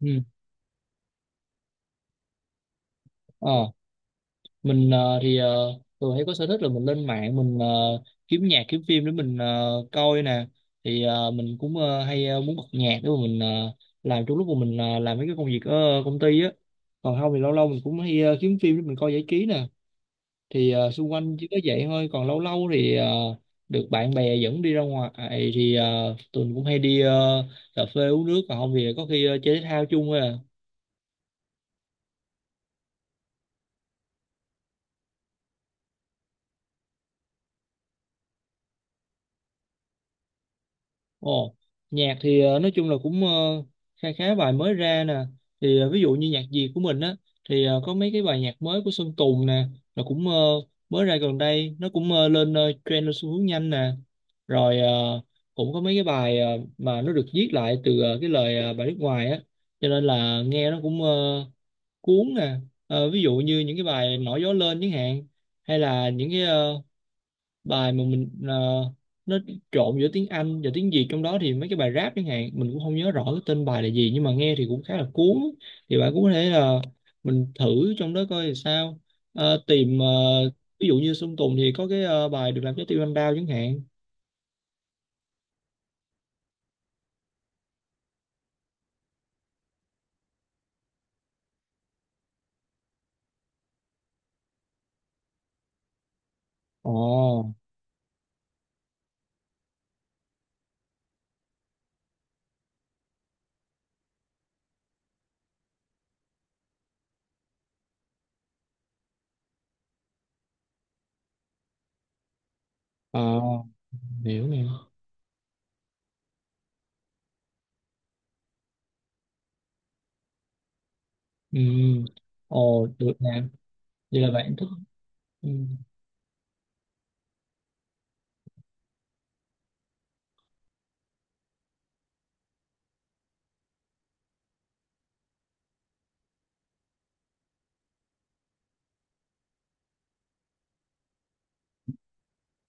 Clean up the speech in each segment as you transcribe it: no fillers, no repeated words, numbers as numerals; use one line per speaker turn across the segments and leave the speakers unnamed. Ừ. Ờ, mình thường hay có sở thích là mình lên mạng mình kiếm nhạc kiếm phim để mình coi nè. Thì mình cũng hay muốn bật nhạc để mà mình làm trong lúc mà mình làm mấy cái công việc ở công ty á. Còn không thì lâu lâu mình cũng hay kiếm phim để mình coi giải trí nè. Thì xung quanh chỉ có vậy thôi, còn lâu lâu thì được bạn bè dẫn đi ra ngoài. Thì tụi mình cũng hay đi cà phê uống nước, còn không thì có khi chơi thể thao chung thôi à. Ồ, nhạc thì nói chung là cũng khá khá bài mới ra nè. Thì ví dụ như nhạc Việt của mình á, thì có mấy cái bài nhạc mới của Sơn Tùng nè, là cũng mới ra gần đây, nó cũng lên trend, lên xu hướng nhanh nè. Rồi cũng có mấy cái bài mà nó được viết lại từ cái lời bài nước ngoài á, cho nên là nghe nó cũng cuốn nè. Ờ, ví dụ như những cái bài Nổi gió lên chẳng hạn, hay là những cái bài mà mình nó trộn giữa tiếng Anh và tiếng Việt trong đó, thì mấy cái bài rap chẳng hạn, mình cũng không nhớ rõ cái tên bài là gì nhưng mà nghe thì cũng khá là cuốn. Thì bạn cũng có thể là mình thử trong đó coi thì sao. Tìm ví dụ như Sơn Tùng thì có cái bài Được làm trái tim anh đau chẳng hạn. Ồ. ờ, hiểu nè. Ừ. Ồ, được nè. Vậy là bạn thích. Ừ.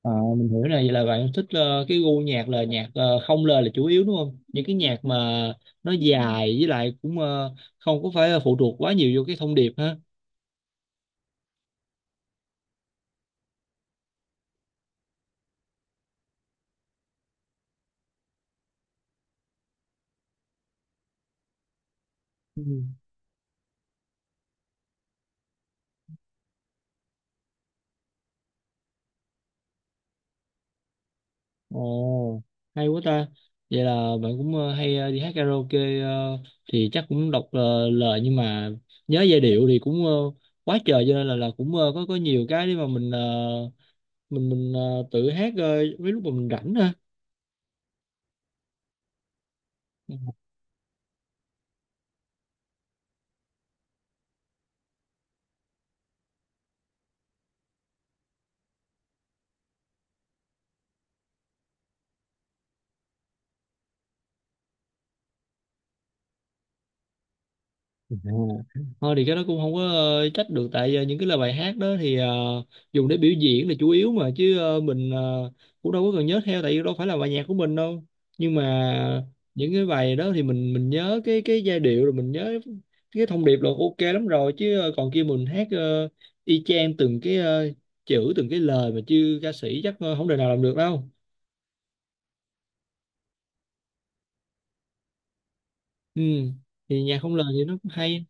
Ờ, mình hiểu này, vậy là bạn thích cái gu nhạc là nhạc không lời là chủ yếu đúng không? Những cái nhạc mà nó dài, với lại cũng không có phải phụ thuộc quá nhiều vô cái thông điệp ha. Ừ. Ồ, hay quá ta. Vậy là bạn cũng hay đi hát karaoke, thì chắc cũng đọc lời nhưng mà nhớ giai điệu thì cũng quá trời, cho nên là cũng có nhiều cái để mà mình mình tự hát mấy lúc mà mình rảnh ha. Ừ. À, thôi thì cái đó cũng không có trách được, tại những cái lời bài hát đó thì dùng để biểu diễn là chủ yếu mà, chứ mình cũng đâu có cần nhớ theo, tại vì đâu phải là bài nhạc của mình đâu. Nhưng mà những cái bài đó thì mình nhớ cái giai điệu, rồi mình nhớ cái thông điệp là ok lắm rồi, chứ còn kia mình hát y chang từng cái chữ từng cái lời mà, chứ ca sĩ chắc không đời nào làm được đâu. Ừ, thì nhạc không lời thì nó cũng hay.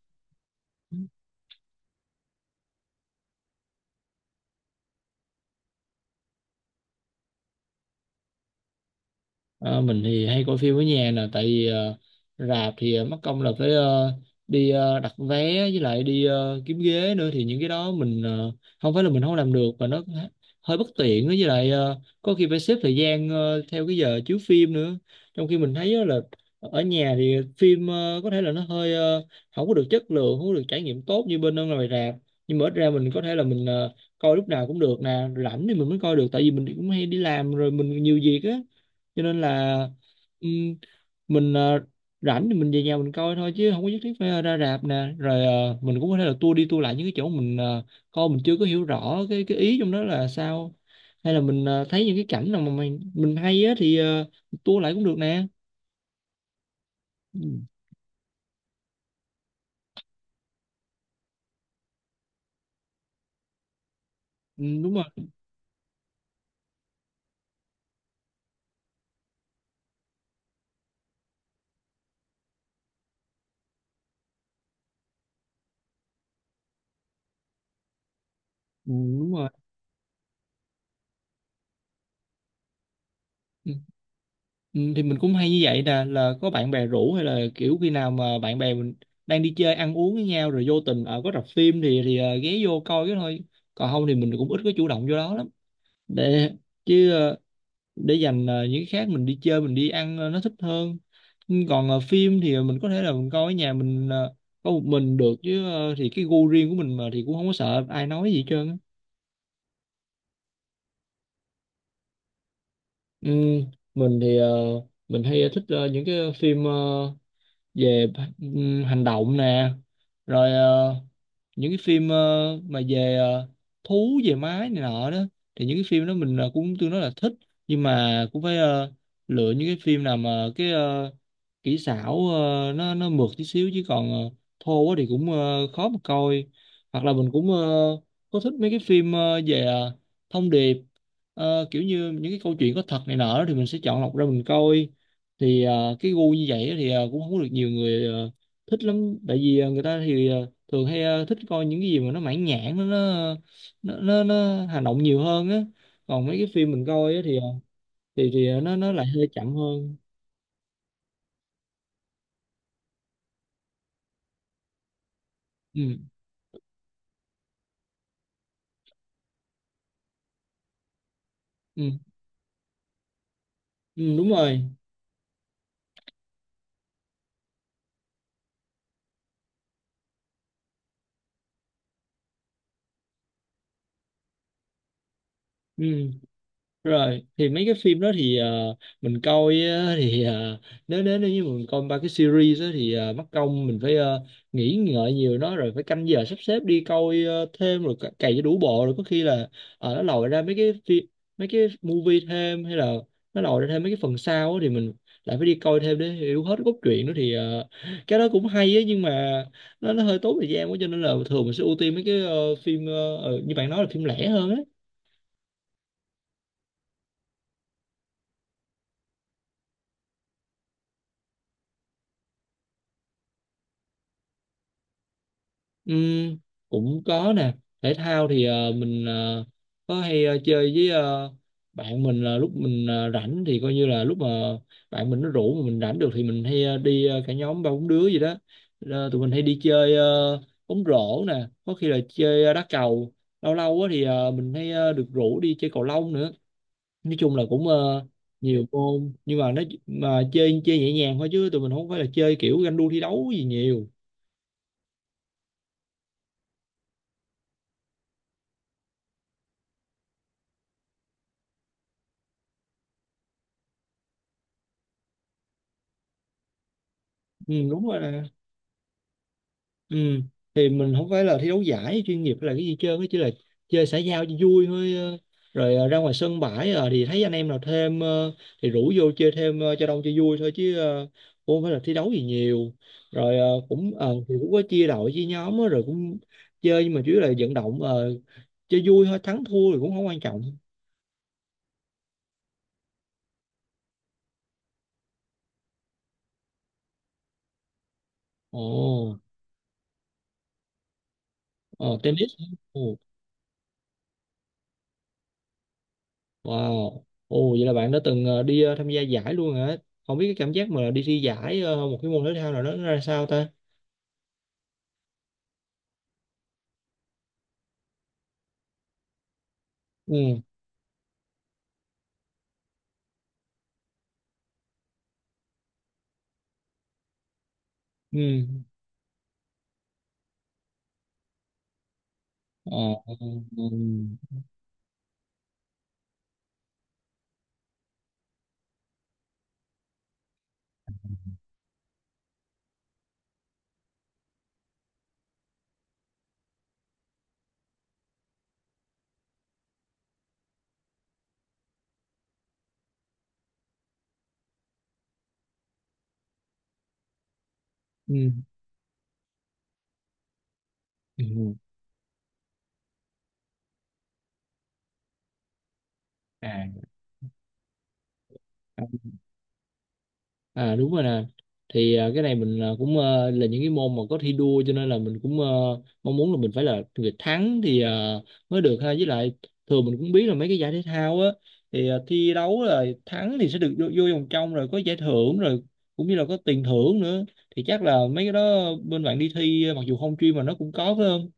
Ờ, mình thì hay coi phim ở nhà nè, tại vì rạp thì mất công là phải đi đặt vé, với lại đi kiếm ghế nữa, thì những cái đó mình không phải là mình không làm được mà nó hơi bất tiện nữa. Với lại có khi phải xếp thời gian theo cái giờ chiếu phim nữa, trong khi mình thấy á là ở nhà thì phim có thể là nó hơi không có được chất lượng, không có được trải nghiệm tốt như bên ở ngoài rạp, nhưng mà ít ra mình có thể là mình coi lúc nào cũng được nè, rảnh thì mình mới coi được, tại vì mình cũng hay đi làm rồi mình nhiều việc á, cho nên là ừm, mình rảnh thì mình về nhà mình coi thôi, chứ không có nhất thiết phải ra rạp nè. Rồi mình cũng có thể là tua đi tua lại những cái chỗ mình coi mình chưa có hiểu rõ cái ý trong đó là sao, hay là mình thấy những cái cảnh nào mà mình hay á thì tua lại cũng được nè. Ừ, ừ, đúng rồi. Ừ, đúng rồi. Ừ. Ừ, thì mình cũng hay như vậy nè, là có bạn bè rủ, hay là kiểu khi nào mà bạn bè mình đang đi chơi ăn uống với nhau rồi vô tình ở có rạp phim thì ghé vô coi cái thôi, còn không thì mình cũng ít có chủ động vô đó lắm để chứ để dành những cái khác mình đi chơi mình đi ăn nó thích hơn. Ừ, còn phim thì mình có thể là mình coi ở nhà, mình có một mình được, chứ thì cái gu riêng của mình mà thì cũng không có sợ ai nói gì hết trơn á. Ừ, mình thì mình hay thích những cái phim về hành động nè, rồi những cái phim mà về thú về máy này nọ đó, thì những cái phim đó mình cũng tương đối là thích, nhưng mà cũng phải lựa những cái phim nào mà cái kỹ xảo nó mượt tí xíu chứ còn thô quá thì cũng khó mà coi. Hoặc là mình cũng có thích mấy cái phim về thông điệp. Ờ, kiểu như những cái câu chuyện có thật này nọ đó, thì mình sẽ chọn lọc ra mình coi. Thì cái gu như vậy thì cũng không có được nhiều người thích lắm, tại vì người ta thì thường hay thích coi những cái gì mà nó mãn nhãn, nó, nó hành động nhiều hơn á, còn mấy cái phim mình coi á thì nó lại hơi chậm hơn. Ừ, ừ, ừ, đúng rồi. Ừ, rồi thì mấy cái phim đó thì mình coi á, thì nếu nếu nếu như mình coi ba cái series đó, thì mất công mình phải nghĩ ngợi nhiều, nó rồi phải canh giờ sắp xếp đi coi thêm, rồi cày cho đủ bộ, rồi có khi là nó lòi ra mấy cái phim, mấy cái movie thêm, hay là nó lòi ra thêm mấy cái phần sau á, thì mình lại phải đi coi thêm để hiểu hết cốt truyện nữa, thì cái đó cũng hay ấy, nhưng mà nó hơi tốn thời gian quá, cho nên là thường mình sẽ ưu tiên mấy cái phim như bạn nói là phim lẻ hơn á. Ừm, cũng có nè. Thể thao thì mình có hay chơi với bạn mình, là lúc mình rảnh thì coi như là lúc mà bạn mình nó rủ mà mình rảnh được thì mình hay đi cả nhóm ba bốn đứa gì đó. Ờ, tụi mình hay đi chơi bóng rổ nè, có khi là chơi đá cầu, lâu lâu á thì mình hay được rủ đi chơi cầu lông nữa. Nói chung là cũng nhiều môn, nhưng mà nó mà chơi chơi nhẹ nhàng thôi chứ tụi mình không phải là chơi kiểu ganh đua thi đấu gì nhiều. Ừ, đúng rồi nè. Ừ. Thì mình không phải là thi đấu giải chuyên nghiệp hay là cái gì, chơi chỉ là chơi xã giao cho vui thôi ờ. Rồi ra ngoài sân bãi thì thấy anh em nào thêm thì rủ vô chơi thêm cho đông cho vui thôi, chứ cũng không phải là thi đấu gì nhiều. Rồi thì cũng có chia đội chia nhóm á, rồi cũng chơi, nhưng mà chủ yếu là vận động chơi vui thôi, thắng thua thì cũng không quan trọng. Ồ. Ờ, tennis. Ồ. Wow. Ồ, vậy là bạn đã từng đi tham gia giải luôn hả? Không biết cái cảm giác mà đi thi giải một cái môn thể thao nào đó nó ra sao ta? Ừ, ừ, ờ, ờ, ờ, ừ, ừ, ừ. Ừ. À. À. À, đúng rồi nè. Thì cái này mình cũng là những cái môn mà có thi đua, cho nên là mình cũng mong muốn là mình phải là người thắng thì mới được ha. Với lại thường mình cũng biết là mấy cái giải thể thao á, thì thi đấu là thắng thì sẽ được vô vòng trong, rồi có giải thưởng, rồi cũng như là có tiền thưởng nữa. Thì chắc là mấy cái đó bên bạn đi thi, mặc dù không chuyên mà nó cũng có phải không?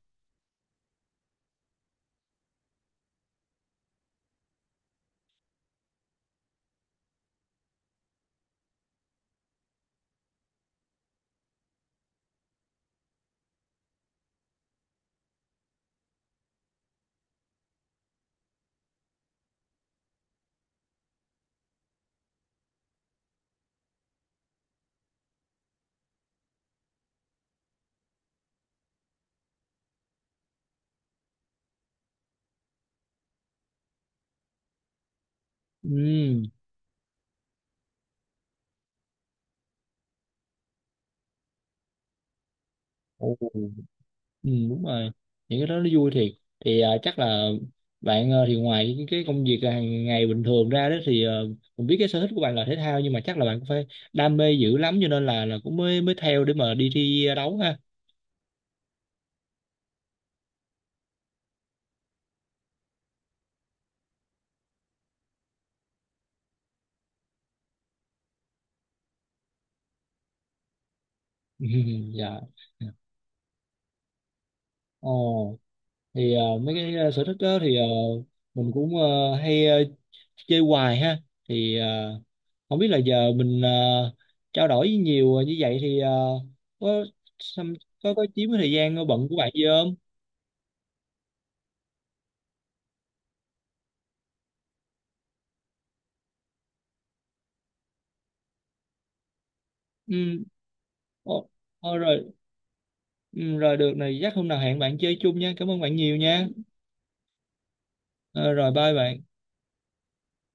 Ừ. Ồ. Ừ, đúng rồi, những cái đó nó vui thiệt. Thì chắc là bạn thì ngoài những cái công việc hàng ngày bình thường ra đó thì mình biết cái sở thích của bạn là thể thao, nhưng mà chắc là bạn cũng phải đam mê dữ lắm cho nên là cũng mới mới theo để mà đi thi đấu ha. Dạ. Ồ, thì mấy cái sở thích đó thì mình cũng hay chơi hoài ha. Thì không biết là giờ mình trao đổi nhiều như vậy thì có xăm- có chiếm cái thời gian bận của bạn gì không. Ừ. Ồ, ờ, rồi. Ừ, rồi được này, chắc hôm nào hẹn bạn chơi chung nha, cảm ơn bạn nhiều nha. Ờ, rồi bye bạn.